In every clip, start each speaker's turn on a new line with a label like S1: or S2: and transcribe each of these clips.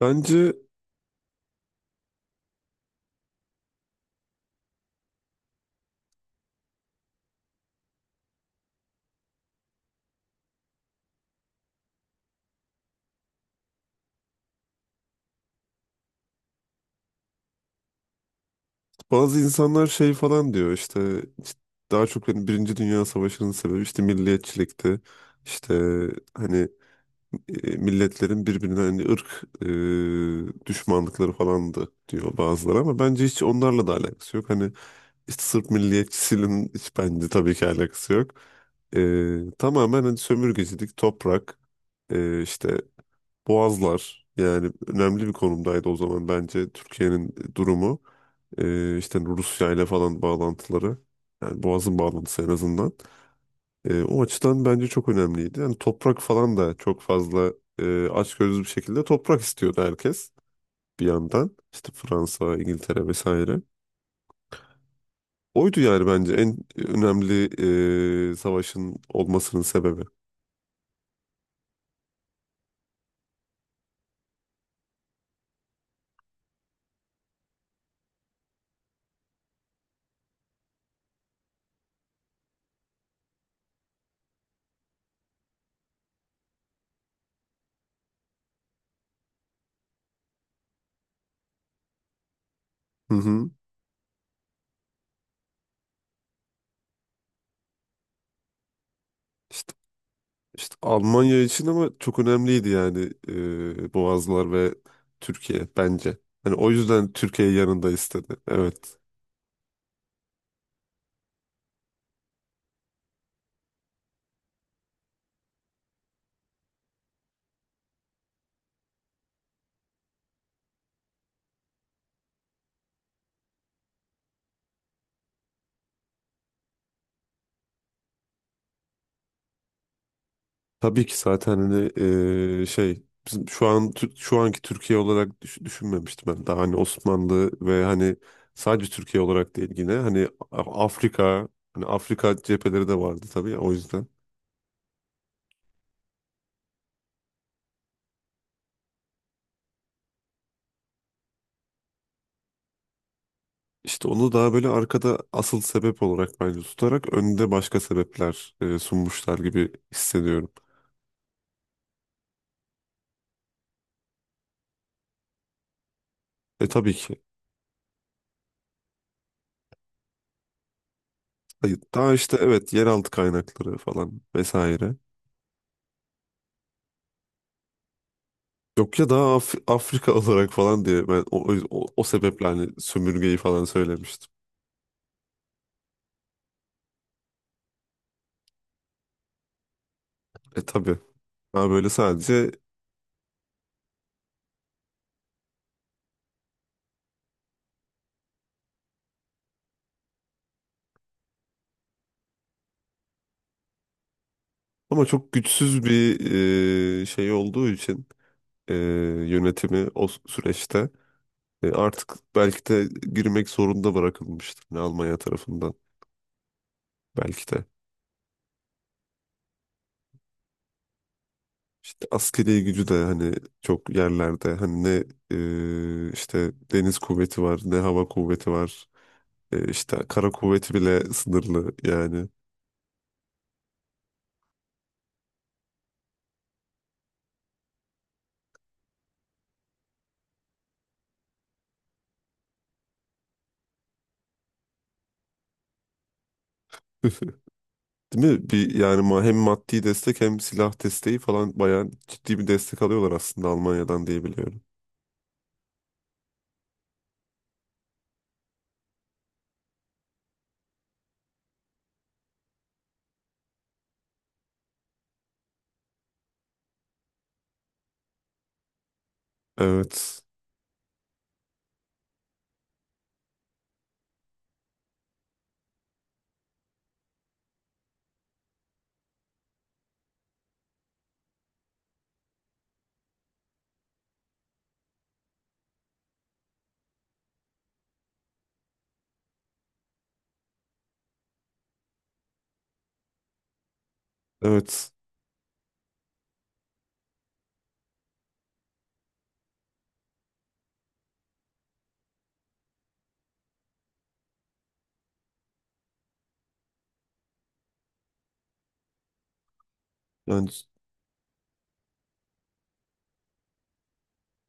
S1: Bence bazı insanlar şey falan diyor işte daha çok hani Birinci Dünya Savaşı'nın sebebi işte milliyetçilikti. İşte hani milletlerin birbirine hani ırk düşmanlıkları falandı diyor bazıları ama bence hiç onlarla da alakası yok. Hani işte Sırp milliyetçisinin hiç bence tabii ki alakası yok. Tamamen hani sömürgecilik, toprak, e, işte Boğazlar yani önemli bir konumdaydı o zaman bence Türkiye'nin durumu. İşte Rusya ile falan bağlantıları. Yani Boğaz'ın bağlantısı en azından. O açıdan bence çok önemliydi. Yani toprak falan da çok fazla açgözlü bir şekilde toprak istiyordu herkes bir yandan. İşte Fransa, İngiltere vesaire. Oydu yani bence en önemli savaşın olmasının sebebi. Hı hı. İşte Almanya için ama çok önemliydi yani Boğazlar ve Türkiye bence. Hani o yüzden Türkiye yanında istedi. Evet. Tabii ki zaten hani şey bizim şu an şu anki Türkiye olarak düşünmemiştim ben. Daha hani Osmanlı ve hani sadece Türkiye olarak değil yine hani Afrika hani Afrika cepheleri de vardı tabii o yüzden. İşte onu daha böyle arkada asıl sebep olarak bence tutarak önde başka sebepler sunmuşlar gibi hissediyorum. E tabii ki. Hayır, daha işte evet yeraltı kaynakları falan vesaire. Yok ya daha Afrika olarak falan diye ben o sebeple hani sömürgeyi falan söylemiştim. E tabii. Daha böyle sadece ama çok güçsüz bir şey olduğu için e, yönetimi o süreçte artık belki de girmek zorunda bırakılmıştır hani Almanya tarafından belki de. İşte askeri gücü de hani çok yerlerde hani ne işte deniz kuvveti var ne hava kuvveti var. İşte kara kuvveti bile sınırlı yani. Değil mi? Yani hem maddi destek hem silah desteği falan bayağı ciddi bir destek alıyorlar aslında Almanya'dan diye biliyorum. Evet. Evet. Yani,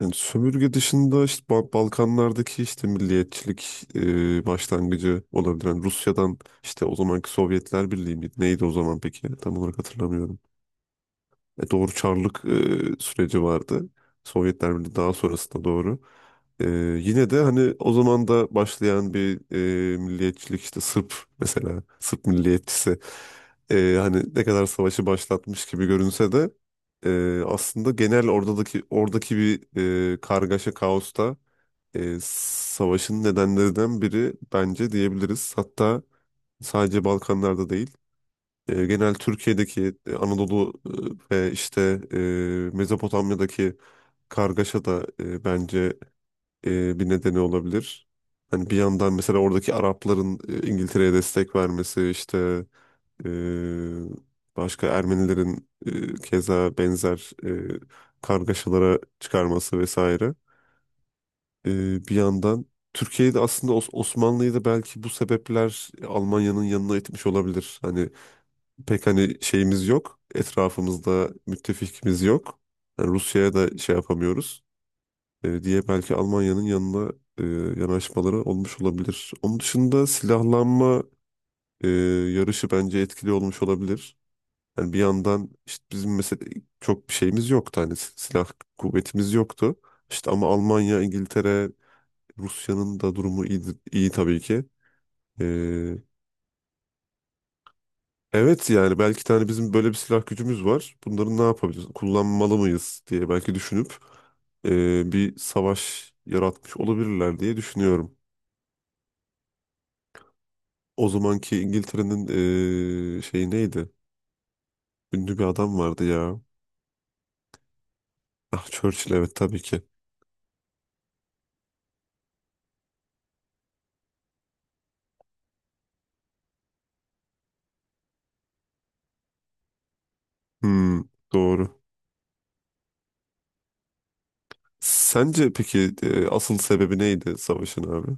S1: yani sömürge dışında işte Balkanlardaki işte milliyetçilik başlangıcı olabilir. Yani Rusya'dan işte o zamanki Sovyetler Birliği miydi? Neydi o zaman peki? Tam olarak hatırlamıyorum. E, doğru Çarlık süreci vardı. Sovyetler Birliği daha sonrasında doğru. E, Yine de hani o zaman da başlayan bir milliyetçilik işte Sırp, mesela Sırp milliyetçisi hani ne kadar savaşı başlatmış gibi görünse de aslında genel oradaki bir kargaşa kaosta savaşın nedenlerinden biri bence diyebiliriz. Hatta sadece Balkanlarda değil genel Türkiye'deki Anadolu ve işte Mezopotamya'daki kargaşa da bence bir nedeni olabilir. Hani bir yandan mesela oradaki Arapların İngiltere'ye destek vermesi işte e, başka Ermenilerin keza benzer e, kargaşalara çıkarması vesaire. E, Bir yandan Türkiye'de aslında Osmanlı'yı da belki bu sebepler Almanya'nın yanına itmiş olabilir. Hani pek hani şeyimiz yok. Etrafımızda müttefikimiz yok. Yani Rusya'ya da şey yapamıyoruz diye belki Almanya'nın yanına e, yanaşmaları olmuş olabilir. Onun dışında silahlanma e, yarışı bence etkili olmuş olabilir. Yani bir yandan işte bizim mesela çok bir şeyimiz yoktu hani silah kuvvetimiz yoktu. İşte ama Almanya, İngiltere, Rusya'nın da durumu iyi tabii ki. E, Evet yani belki tane bizim böyle bir silah gücümüz var. Bunları ne yapabiliriz? Kullanmalı mıyız diye belki düşünüp bir savaş yaratmış olabilirler diye düşünüyorum. O zamanki İngiltere'nin şeyi neydi? Ünlü bir adam vardı ya. Ah Churchill, evet tabii ki. Hmm, doğru. Sence peki asıl sebebi neydi savaşın abi?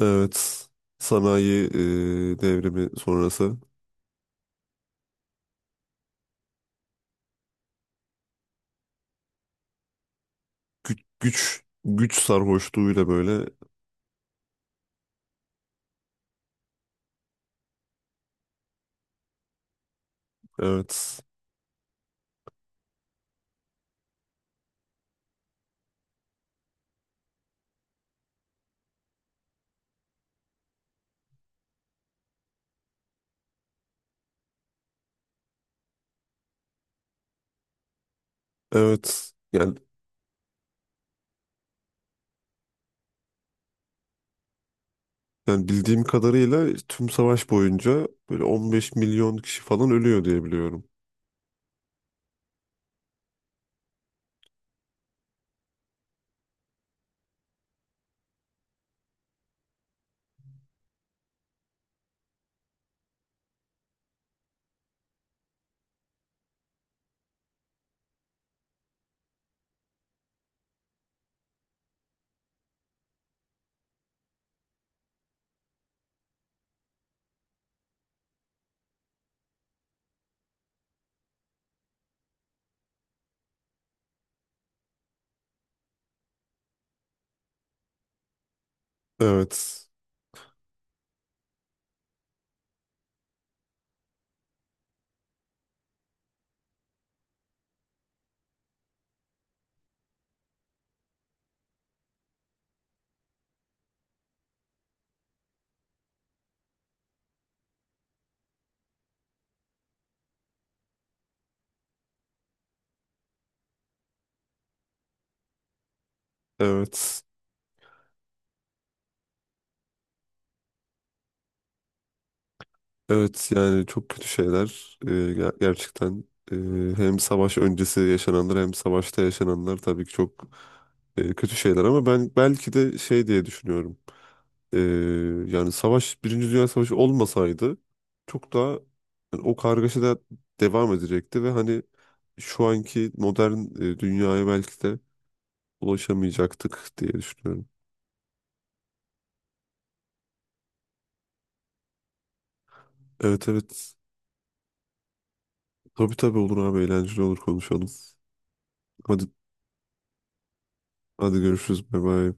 S1: Evet. Sanayi devrimi sonrası güç sarhoşluğuyla böyle evet. Evet. Yani bildiğim kadarıyla tüm savaş boyunca böyle 15 milyon kişi falan ölüyor diye biliyorum. Evet. Evet. Evet yani çok kötü şeyler. Gerçekten e, hem savaş öncesi yaşananlar hem savaşta yaşananlar tabii ki çok kötü şeyler ama ben belki de şey diye düşünüyorum. Ee, Yani savaş, Birinci Dünya Savaşı olmasaydı çok daha yani o kargaşa da devam edecekti ve hani şu anki modern dünyaya belki de ulaşamayacaktık diye düşünüyorum. Evet evet. Tabii tabii olur abi, eğlenceli olur konuşalım. Hadi hadi görüşürüz. Bay bay.